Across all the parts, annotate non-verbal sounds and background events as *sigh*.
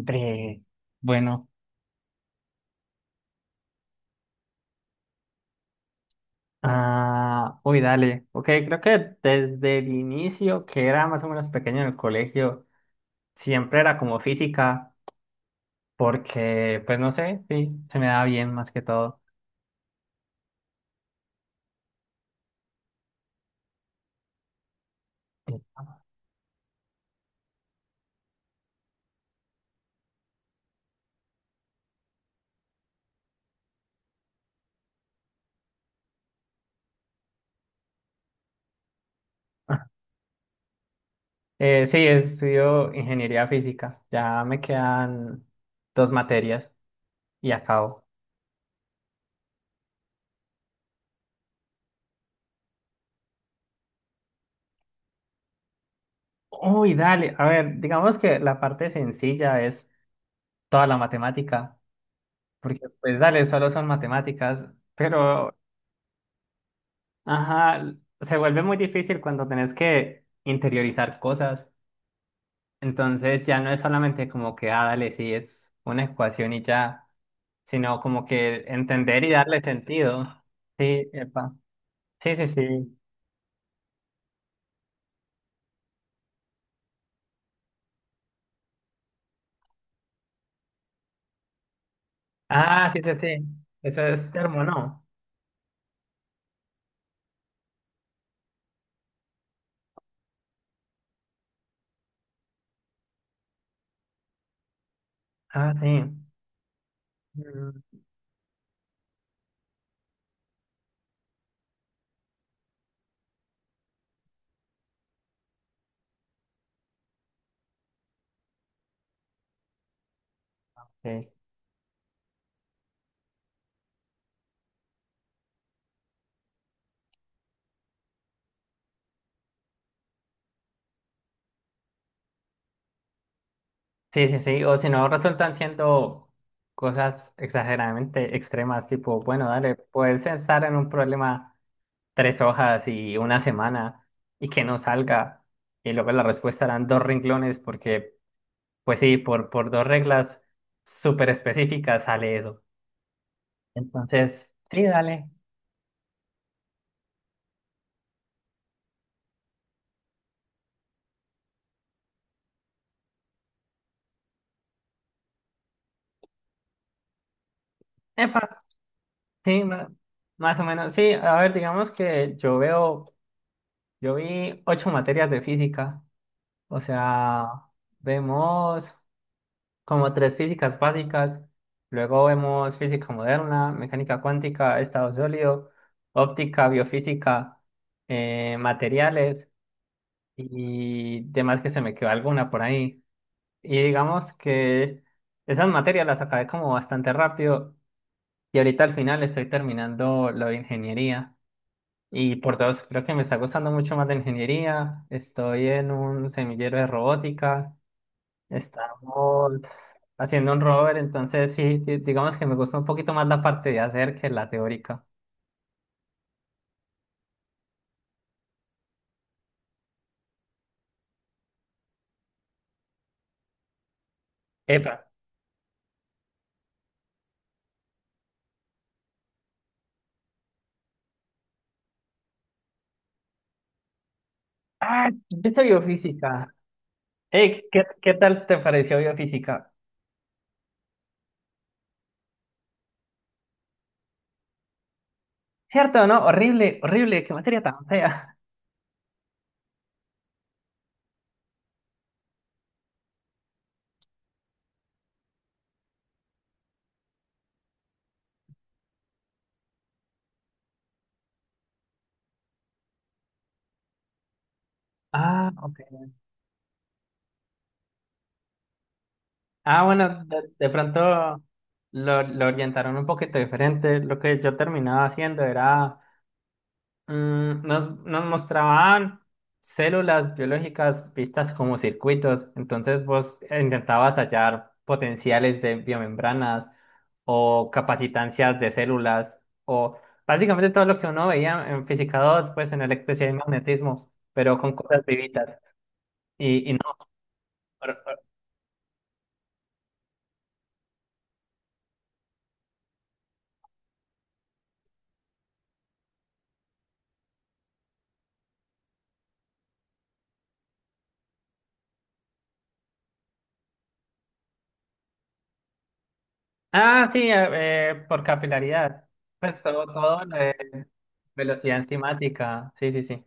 Bre, bueno, uy, dale. Ok, creo que desde el inicio, que era más o menos pequeño en el colegio, siempre era como física, porque, pues no sé, sí, se me da bien más que todo. *laughs* Sí, estudio ingeniería física. Ya me quedan dos materias y acabo. Uy, dale. A ver, digamos que la parte sencilla es toda la matemática, porque pues dale, solo son matemáticas, pero. Ajá, se vuelve muy difícil cuando tenés que interiorizar cosas. Entonces ya no es solamente como que, ah, dale, sí, es una ecuación y ya, sino como que entender y darle sentido. Sí, epa. Sí, sí, sí. Ah, sí, sí, sí. Eso es termo, ¿no? Ah, sí. Mm. Sí, sí, sí, sí. O si no, resultan siendo cosas exageradamente extremas, tipo, bueno, dale, puedes pensar en un problema. Tres hojas y una semana y que no salga. Y luego la respuesta eran dos renglones porque, pues sí, por dos reglas súper específicas sale eso. Entonces, sí, dale. Epa, sí, más o menos. Sí, a ver, digamos que yo veo, yo vi 8 materias de física, o sea, vemos, como tres físicas básicas, luego vemos física moderna, mecánica cuántica, estado sólido, óptica, biofísica, materiales y demás que se me quedó alguna por ahí. Y digamos que esas materias las acabé como bastante rápido y ahorita al final estoy terminando lo de ingeniería. Y por dos, creo que me está gustando mucho más de ingeniería. Estoy en un semillero de robótica. Estamos haciendo un rover, entonces sí, digamos que me gusta un poquito más la parte de hacer que la teórica. Epa. Ah, ¿viste biofísica? Ey, ¿qué, qué tal te pareció biofísica? ¿Cierto o no? Horrible, horrible, qué materia tan fea. *laughs* Ah, ok. Ah, bueno, de pronto lo orientaron un poquito diferente. Lo que yo terminaba haciendo era. Mm, nos, nos mostraban células biológicas vistas como circuitos, entonces vos intentabas hallar potenciales de biomembranas o capacitancias de células o básicamente todo lo que uno veía en física 2 pues en electricidad y magnetismo, pero con cosas vivitas y no. por- por- ah, sí, por capilaridad, pues todo, todo lo de velocidad enzimática, sí, sí, sí.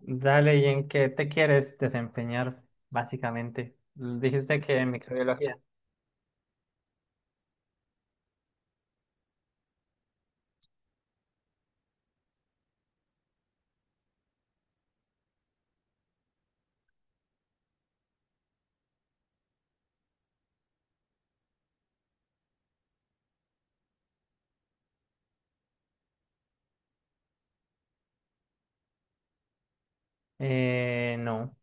Dale, ¿y en qué te quieres desempeñar, básicamente? Dijiste que en microbiología. No.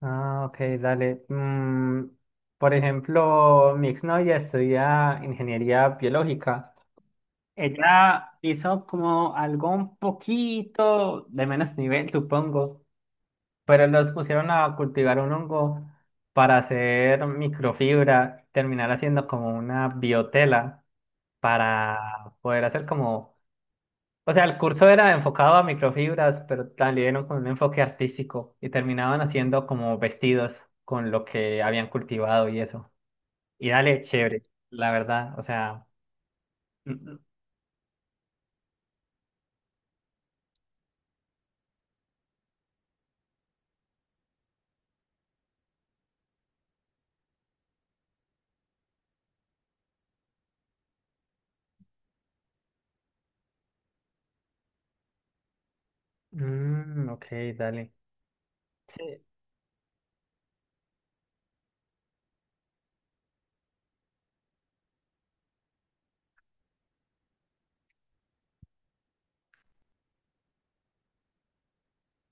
Ah, ok, dale. Mm, por ejemplo, mi exnovia estudia ingeniería biológica. Ella hizo como algo un poquito de menos nivel, supongo, pero los pusieron a cultivar un hongo para hacer microfibra, terminar haciendo como una biotela para poder hacer como. O sea, el curso era enfocado a microfibras, pero también con un enfoque artístico y terminaban haciendo como vestidos con lo que habían cultivado y eso. Y dale, chévere, la verdad. O sea, mm, mm, ok, dale. Sí.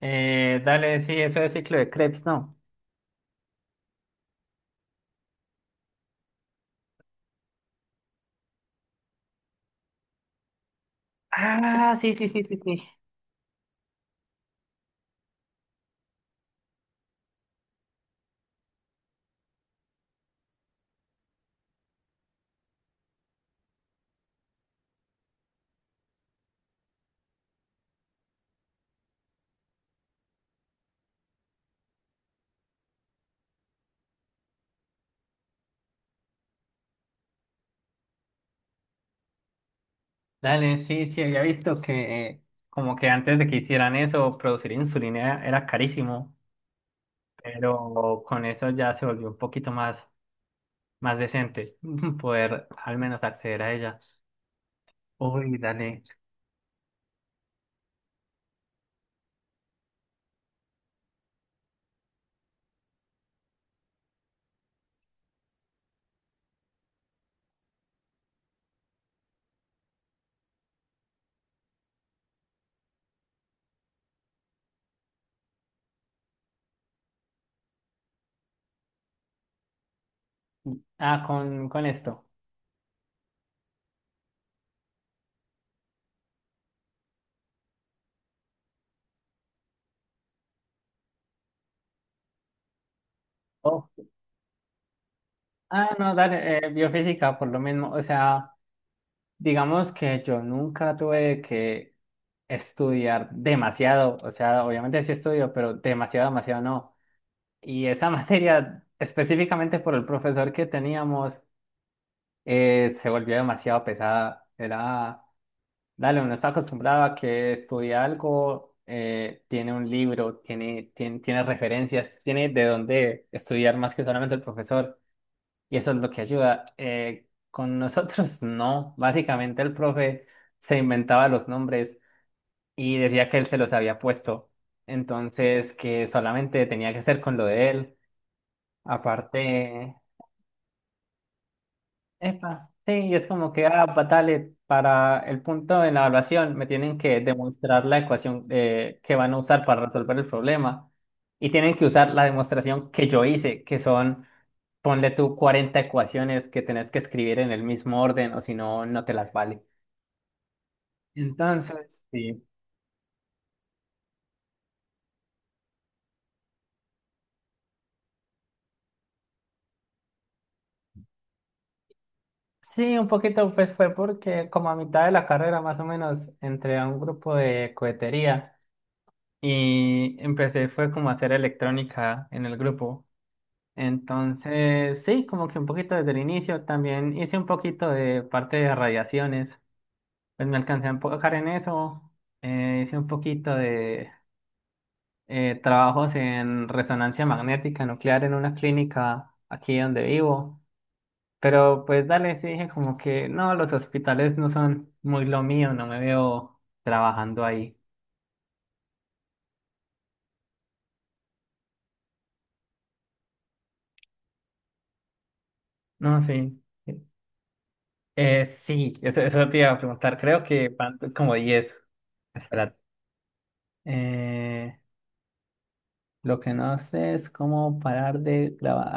Dale, sí, eso es ciclo de Krebs, ¿no? Ah, sí, sí, sí, sí, sí. Dale, sí, sí, había visto que como que antes de que hicieran eso, producir insulina era carísimo, pero con eso ya se volvió un poquito más. Más decente *laughs* poder al menos acceder a ella. Uy, dale. Ah, con esto. Oh. Ah, no, dale, biofísica por lo mismo. O sea, digamos que yo nunca tuve que estudiar demasiado. O sea, obviamente sí estudio, pero demasiado, demasiado no. Y esa *laughs* materia, específicamente por el profesor que teníamos, se volvió demasiado pesada. Era. Dale, uno está acostumbrado a que estudia algo, tiene un libro, tiene, tiene, tiene referencias, tiene de dónde estudiar más que solamente el profesor, y eso es lo que ayuda. Con nosotros *laughs* no, básicamente el profe se inventaba los nombres y decía que él se los había puesto, entonces que solamente tenía que ser con lo de él. Aparte, epa, sí, y es como que, ah, patale, para el punto de la evaluación me tienen que demostrar la ecuación que van a usar para resolver el problema y tienen que usar la demostración que yo hice, que son, ponle tú 40 ecuaciones que tenés que escribir en el mismo orden o si no, no te las vale. Entonces, sí. Sí, un poquito pues fue porque como a mitad de la carrera más o menos entré a un grupo de cohetería y empecé fue como a hacer electrónica en el grupo. Entonces, sí, como que un poquito desde el inicio. También hice un poquito de parte de radiaciones. Pues me alcancé a enfocar en eso. Hice un poquito de trabajos en resonancia magnética nuclear en una clínica aquí donde vivo. Pero pues dale, sí dije como que no, los hospitales no son muy lo mío, no me veo trabajando ahí. No, sí. Sí, eso, eso te iba a preguntar. Creo que van como 10. Espera. Lo que no sé es cómo parar de grabar.